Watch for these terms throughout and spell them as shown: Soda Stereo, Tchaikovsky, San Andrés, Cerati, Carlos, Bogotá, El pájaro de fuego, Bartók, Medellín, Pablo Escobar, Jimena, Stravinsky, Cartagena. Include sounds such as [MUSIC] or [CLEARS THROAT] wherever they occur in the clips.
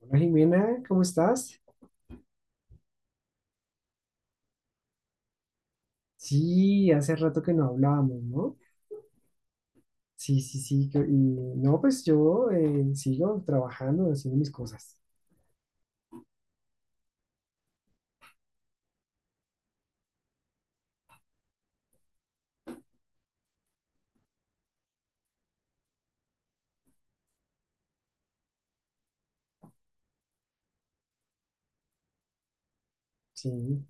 Hola Jimena, ¿cómo estás? Sí, hace rato que no hablábamos, ¿no? Sí, sí, sí. que- Y no, pues yo sigo trabajando, haciendo mis cosas. Sí.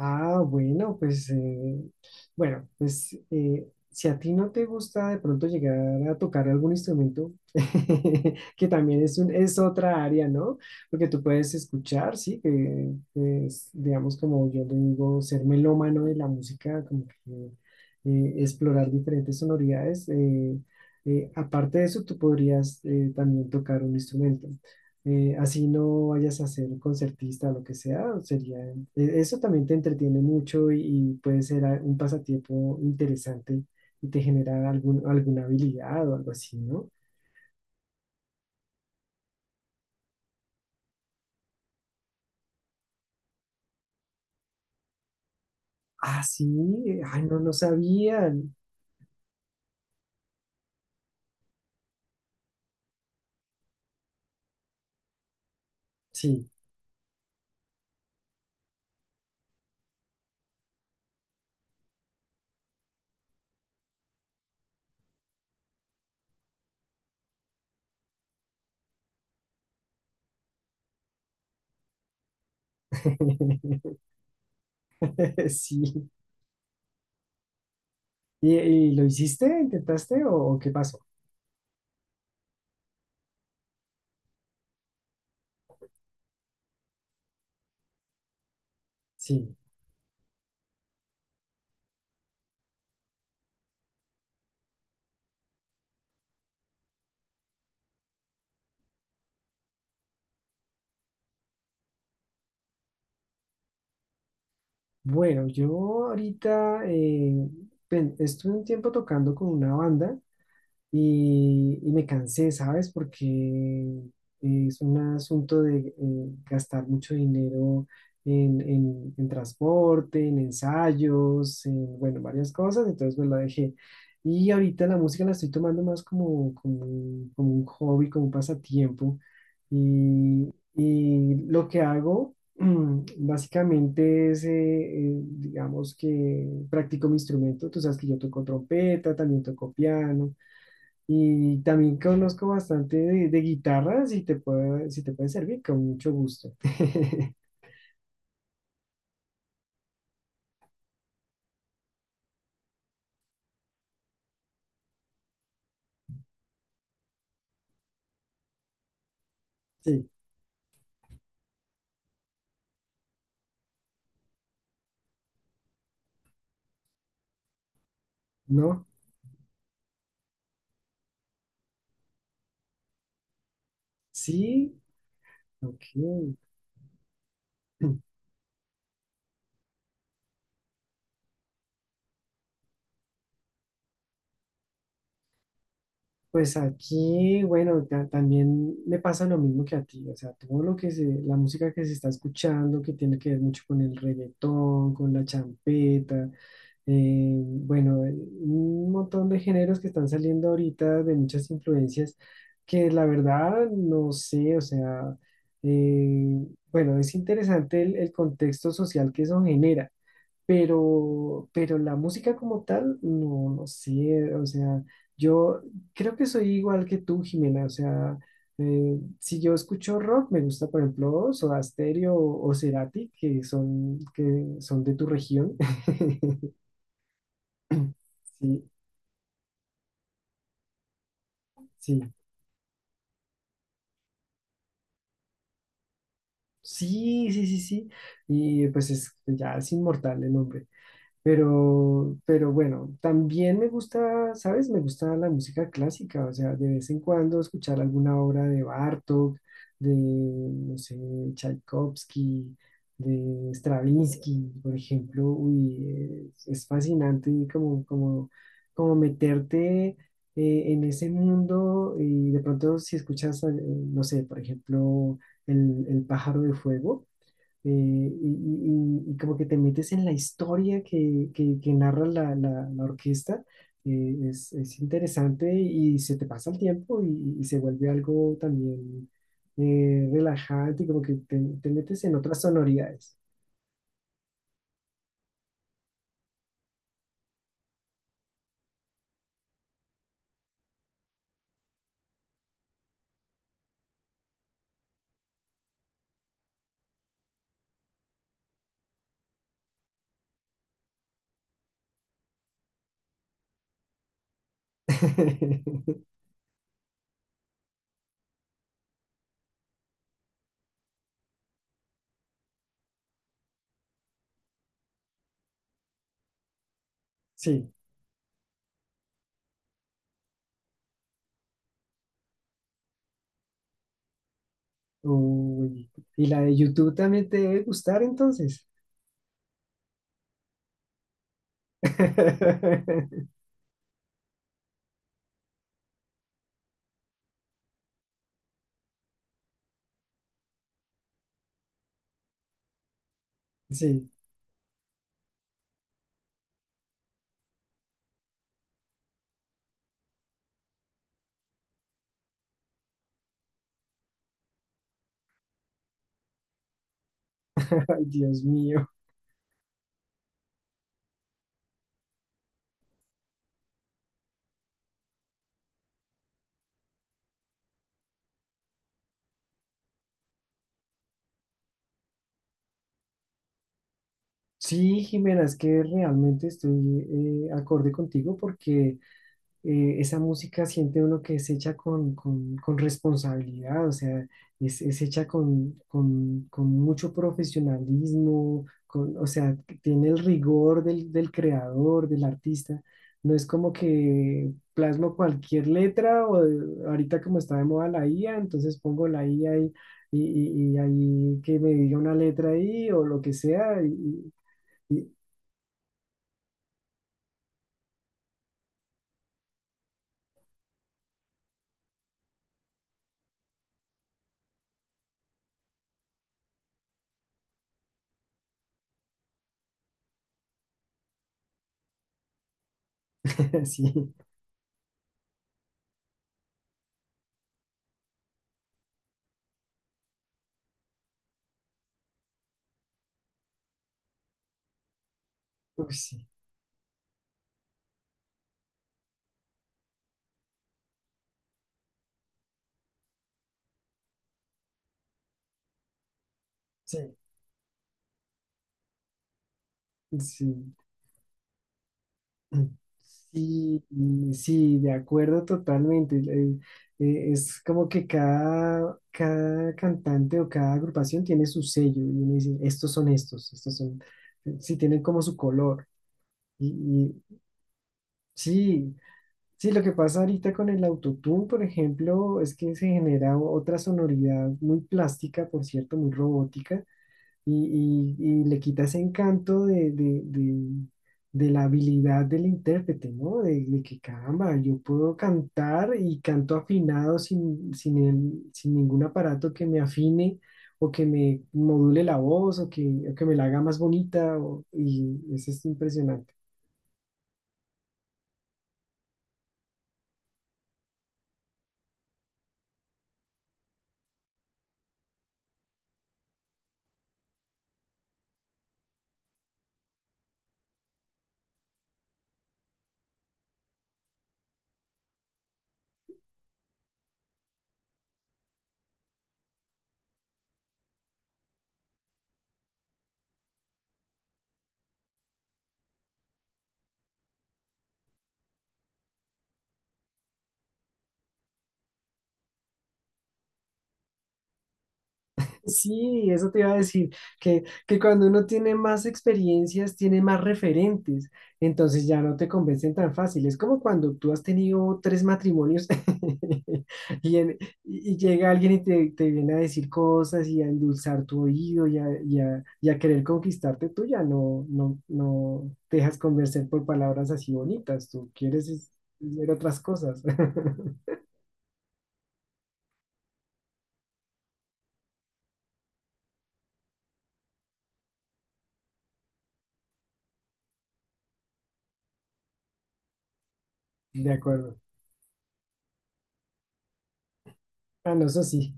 Ah, bueno, pues, eh, bueno, si a ti no te gusta de pronto llegar a tocar algún instrumento, [LAUGHS] que también es otra área, ¿no? Porque tú puedes escuchar, sí, que es, digamos, como yo le digo, ser melómano de la música, como que explorar diferentes sonoridades. Aparte de eso, tú podrías también tocar un instrumento así no vayas a ser concertista o lo que sea, eso también te entretiene mucho y puede ser un pasatiempo interesante y te genera alguna habilidad o algo así, ¿no? Ah, sí, ay, no, no sabían. Sí, [LAUGHS] sí. Y lo hiciste? ¿Intentaste o qué pasó? Sí. Bueno, yo ahorita estuve un tiempo tocando con una banda. Y, y me cansé, ¿sabes? Porque es un asunto de gastar mucho dinero en transporte, en ensayos, en, bueno, varias cosas, entonces pues la dejé. Y ahorita la música la estoy tomando más como un hobby, como un pasatiempo. Y, y lo que hago [CLEARS THROAT] básicamente es, digamos que practico mi instrumento. Tú sabes que yo toco trompeta, también toco piano. Y también conozco bastante de guitarra, si te puede servir, con mucho gusto. [LAUGHS] Sí, ¿no? Sí, ok. [CLEARS THROAT] Pues aquí, bueno, también me pasa lo mismo que a ti, o sea, todo lo que se, la música que se está escuchando, que tiene que ver mucho con el reggaetón, con la champeta, bueno, un montón de géneros que están saliendo ahorita de muchas influencias que la verdad no sé, o sea, eh, bueno, es interesante el contexto social que eso genera, pero la música como tal, no, no sé, o sea, yo creo que soy igual que tú, Jimena, o sea, si yo escucho rock, me gusta, por ejemplo, Soda Stereo o Cerati, que son de tu región. [LAUGHS] Sí, sí, sí, sí, sí, sí, y pues es, ya es inmortal el hombre. Pero bueno, también me gusta, ¿sabes? Me gusta la música clásica, o sea, de vez en cuando escuchar alguna obra de Bartók, de, no sé, Tchaikovsky, de Stravinsky, por ejemplo. Uy, es fascinante como meterte en ese mundo y de pronto si escuchas, no sé, por ejemplo, El pájaro de fuego eh, y, y como que te metes en la historia que narra la orquesta, es interesante y se te pasa el tiempo y se vuelve algo también relajante y como que te metes en otras sonoridades. [LAUGHS] Sí, uy, y la de YouTube también te debe gustar entonces. [LAUGHS] Sí, ay Dios mío. Sí, Jimena, es que realmente estoy acorde contigo porque esa música siente uno que es hecha con responsabilidad, o sea, es hecha con mucho profesionalismo, con, o sea, que tiene el rigor del, del creador, del artista. No es como que plasmo cualquier letra o ahorita como está de moda la IA, entonces pongo la IA y, y ahí que me diga una letra ahí o lo que sea. Y- y- [LAUGHS] sí. Uy, sí, sí, sí. Sí, mm, sí, de acuerdo totalmente. Es como que cada, cada cantante o cada agrupación tiene su sello y uno dice, estos son estos, estos son, sí, tienen como su color. Y, y sí, sí, lo que pasa ahorita con el autotune, por ejemplo, es que se genera otra sonoridad muy plástica, por cierto, muy robótica y le quita ese encanto de la habilidad del intérprete, ¿no? De que caramba, yo puedo cantar y canto afinado sin ningún aparato que me afine o que me module la voz o que me la haga más bonita y eso es impresionante. Sí, eso te iba a decir, que cuando uno tiene más experiencias, tiene más referentes, entonces ya no te convencen tan fácil. Es como cuando tú has tenido tres matrimonios [LAUGHS] y, en- y llega alguien y te viene a decir cosas y a endulzar tu oído y a querer conquistarte, tú ya no, no, no te dejas convencer por palabras así bonitas, tú quieres ver otras cosas. [LAUGHS] De acuerdo. Ah, no, eso sí.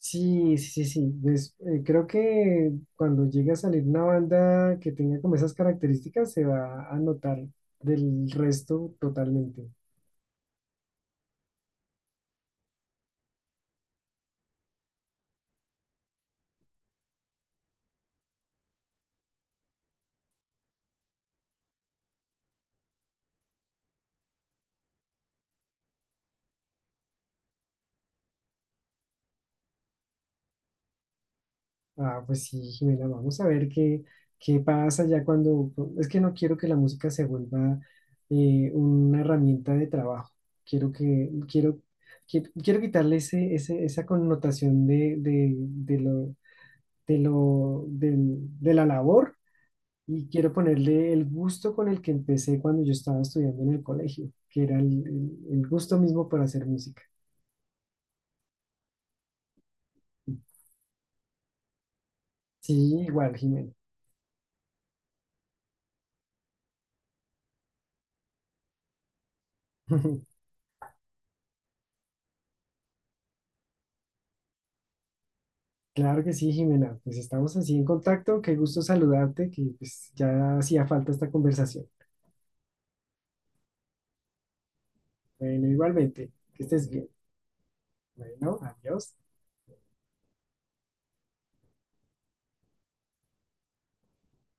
Sí, sí, sí, sí. Creo que cuando llegue a salir una banda que tenga como esas características, se va a notar del resto totalmente. Ah, pues sí, Jimena, vamos a ver qué, qué pasa ya cuando... Es que no quiero que la música se vuelva una herramienta de trabajo. Quiero que, quiero, quiero, Quiero quitarle esa connotación de la labor. Y quiero ponerle el gusto con el que empecé cuando yo estaba estudiando en el colegio, que era el gusto mismo por hacer música. Sí, igual, Jimena. [LAUGHS] Claro que sí, Jimena. Pues estamos así en contacto. Qué gusto saludarte, que pues ya hacía falta esta conversación. Bueno, igualmente, que estés bien. Bueno, adiós.